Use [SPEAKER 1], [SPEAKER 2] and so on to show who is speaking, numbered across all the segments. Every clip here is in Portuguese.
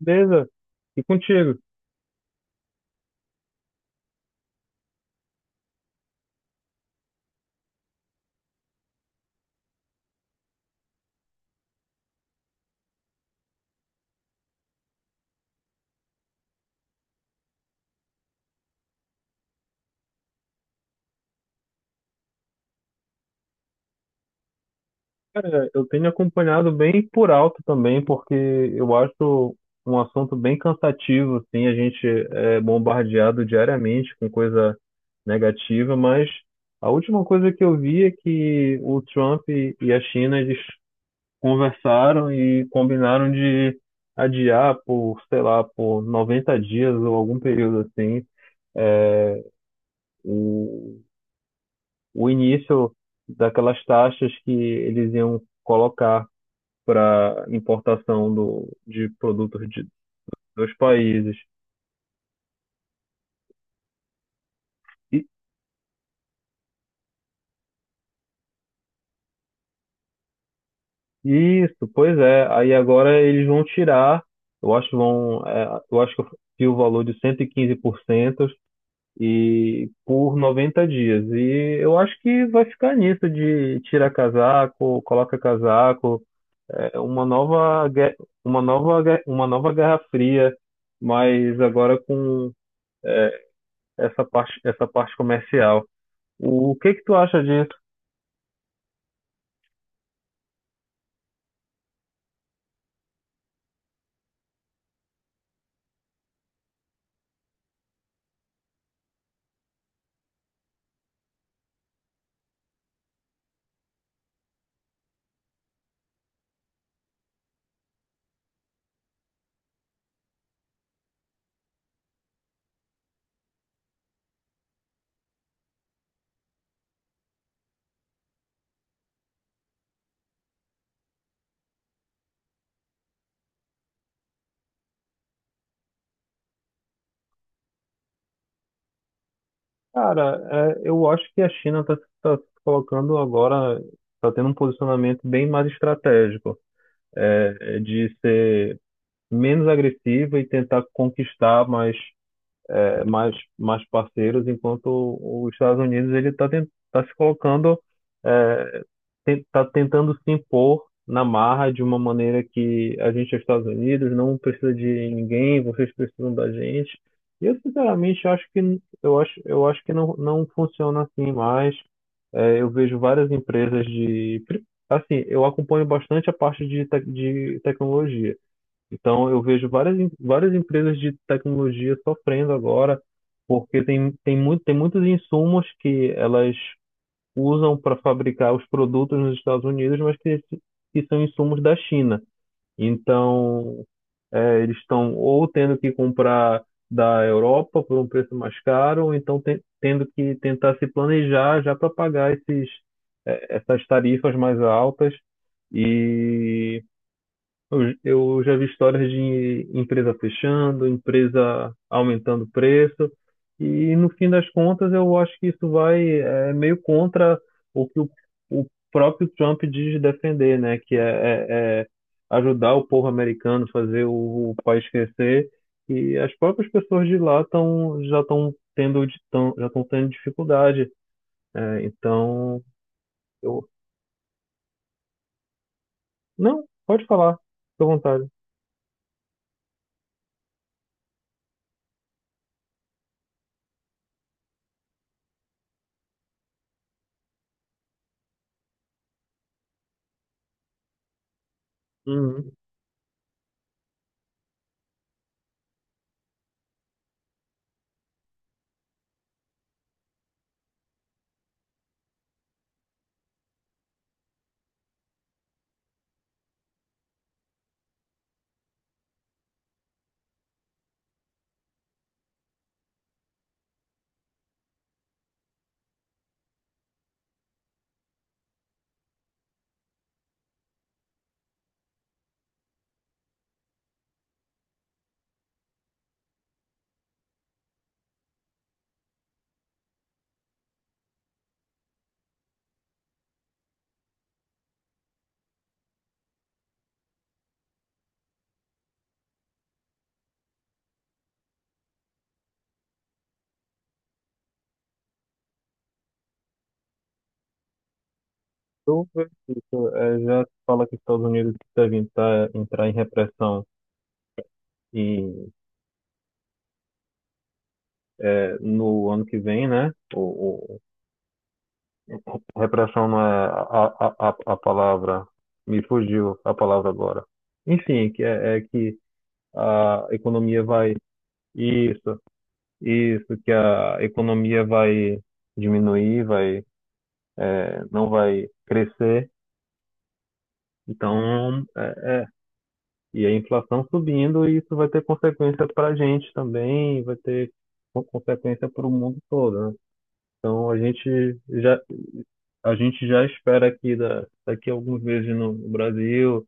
[SPEAKER 1] Beleza, e contigo? Cara, eu tenho acompanhado bem por alto também, porque eu acho um assunto bem cansativo, assim, a gente é bombardeado diariamente com coisa negativa, mas a última coisa que eu vi é que o Trump e a China, eles conversaram e combinaram de adiar por, sei lá, por 90 dias ou algum período assim, é, o início daquelas taxas que eles iam colocar para importação do, de produtos de, dos países. E, isso, pois é. Aí agora eles vão tirar, eu acho que vão, eu acho que eu o valor de 115% e quinze por 90 dias. E eu acho que vai ficar nisso de tira casaco, coloca casaco, é uma nova, uma nova Guerra Fria, mas agora com essa parte comercial. O que que tu acha disso? Cara, eu acho que a China está tá tá se colocando agora, está tendo um posicionamento bem mais estratégico, de ser menos agressiva e tentar conquistar mais mais parceiros, enquanto os Estados Unidos ele está tá se colocando, é, está tentando se impor na marra de uma maneira que a gente é Estados Unidos, não precisa de ninguém, vocês precisam da gente. E eu sinceramente acho que eu acho que não, não funciona assim mais. É, eu vejo várias empresas de. Assim, eu acompanho bastante a parte de, de tecnologia. Então, eu vejo várias, várias empresas de tecnologia sofrendo agora, porque tem muitos insumos que elas usam para fabricar os produtos nos Estados Unidos, mas que são insumos da China. Então, eles estão ou tendo que comprar da Europa por um preço mais caro, ou então tendo que tentar se planejar já para pagar esses, essas tarifas mais altas. E eu já vi histórias de empresa fechando, empresa aumentando o preço, e no fim das contas eu acho que isso vai é, meio contra o que o próprio Trump diz defender, né? Que é, é ajudar o povo americano, fazer o país crescer, e as próprias pessoas de lá tão, já estão tendo, já estão tendo dificuldade. É, então, eu... Não, pode falar, fica à vontade. Tudo isso, já fala que os Estados Unidos devem entrar, entrar em repressão e, no ano que vem, né? Repressão não é a palavra, me fugiu a palavra agora. Enfim, que é que a economia vai, isso, isso, que a economia vai diminuir, vai, não vai crescer. Então, e a inflação subindo, e isso vai ter consequência para a gente também, vai ter consequência para o mundo todo, né? Então a gente já espera aqui daqui a alguns meses no Brasil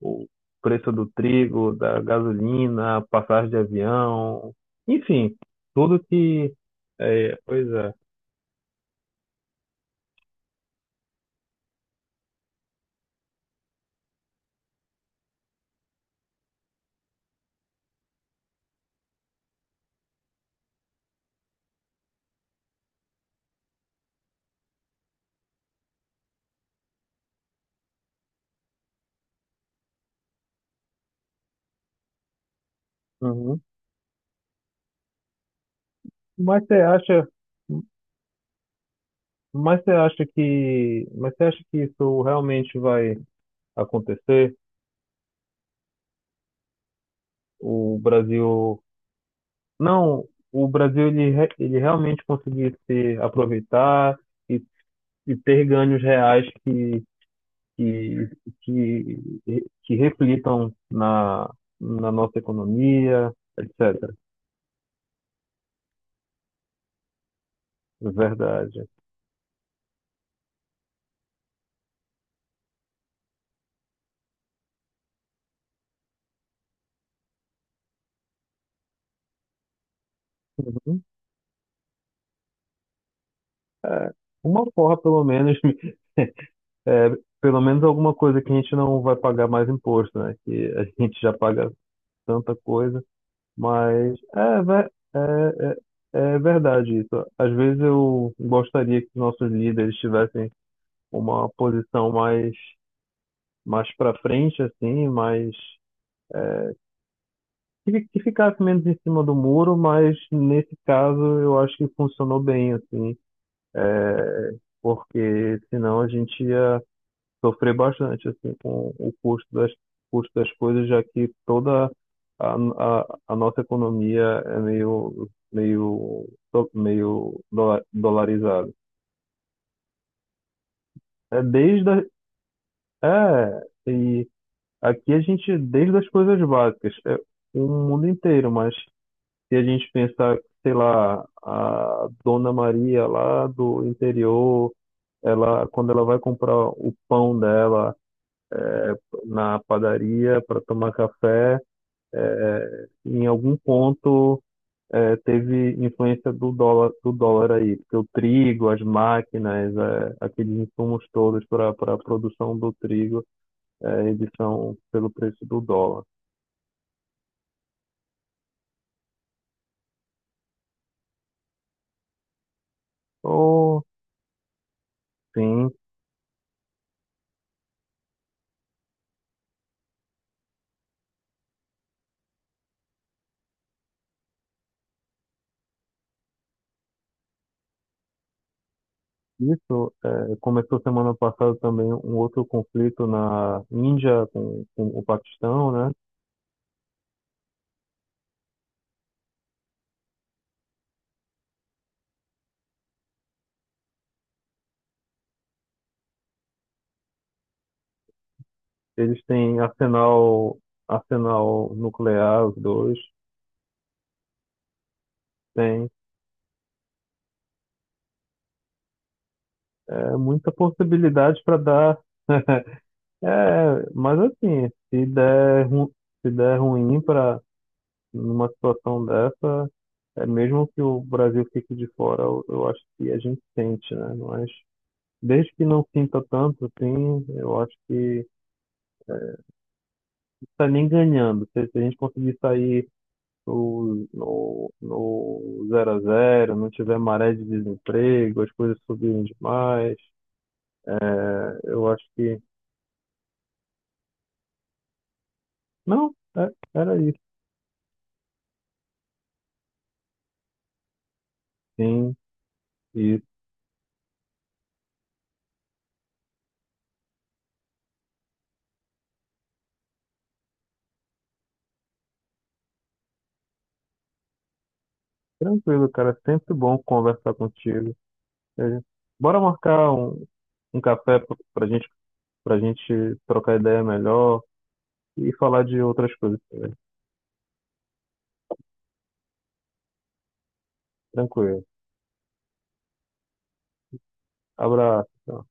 [SPEAKER 1] o preço do trigo, da gasolina, a passagem de avião, enfim, tudo que é, pois é. Uhum. Mas você acha, mas você acha que isso realmente vai acontecer? O Brasil... Não, o Brasil ele, ele realmente conseguir se aproveitar e, e ter ganhos reais que, que reflitam na, na nossa economia, etc. Verdade. Uhum. Uma forra, pelo menos, é, pelo menos alguma coisa que a gente não vai pagar mais imposto, né? Que a gente já paga tanta coisa. Mas é, é verdade isso. Às vezes eu gostaria que nossos líderes tivessem uma posição mais, mais para frente, assim, mais é, que ficasse menos em cima do muro, mas nesse caso eu acho que funcionou bem, assim, é, porque senão a gente ia sofrer bastante assim com o custo custo das coisas, já que toda a, a nossa economia é meio meio dolarizada. É desde a- é e aqui a gente desde as coisas básicas, é o mundo inteiro, mas se a gente pensar, sei lá, a Dona Maria lá do interior, ela quando ela vai comprar o pão dela é, na padaria para tomar café. Em algum ponto teve influência do dólar, aí, porque o trigo, as máquinas, aqueles insumos todos para a produção do trigo, eles são pelo preço do dólar. Ou, sim, isso é, começou semana passada também um outro conflito na Índia com o Paquistão, né? Eles têm arsenal, arsenal nuclear, os dois, têm é, muita possibilidade para dar. É, mas assim, se der ruim para numa situação dessa, é mesmo que o Brasil fique de fora, eu acho que a gente sente, né? Mas desde que não sinta tanto, assim, eu acho que tá nem ganhando. Se a gente conseguir sair no zero a zero, não tiver maré de desemprego, as coisas subirem demais, eu acho que. Não, era isso, sim. Tranquilo, cara. Sempre bom conversar contigo. É, bora marcar um, um café pra gente trocar ideia melhor e falar de outras coisas também. Tranquilo. Abraço.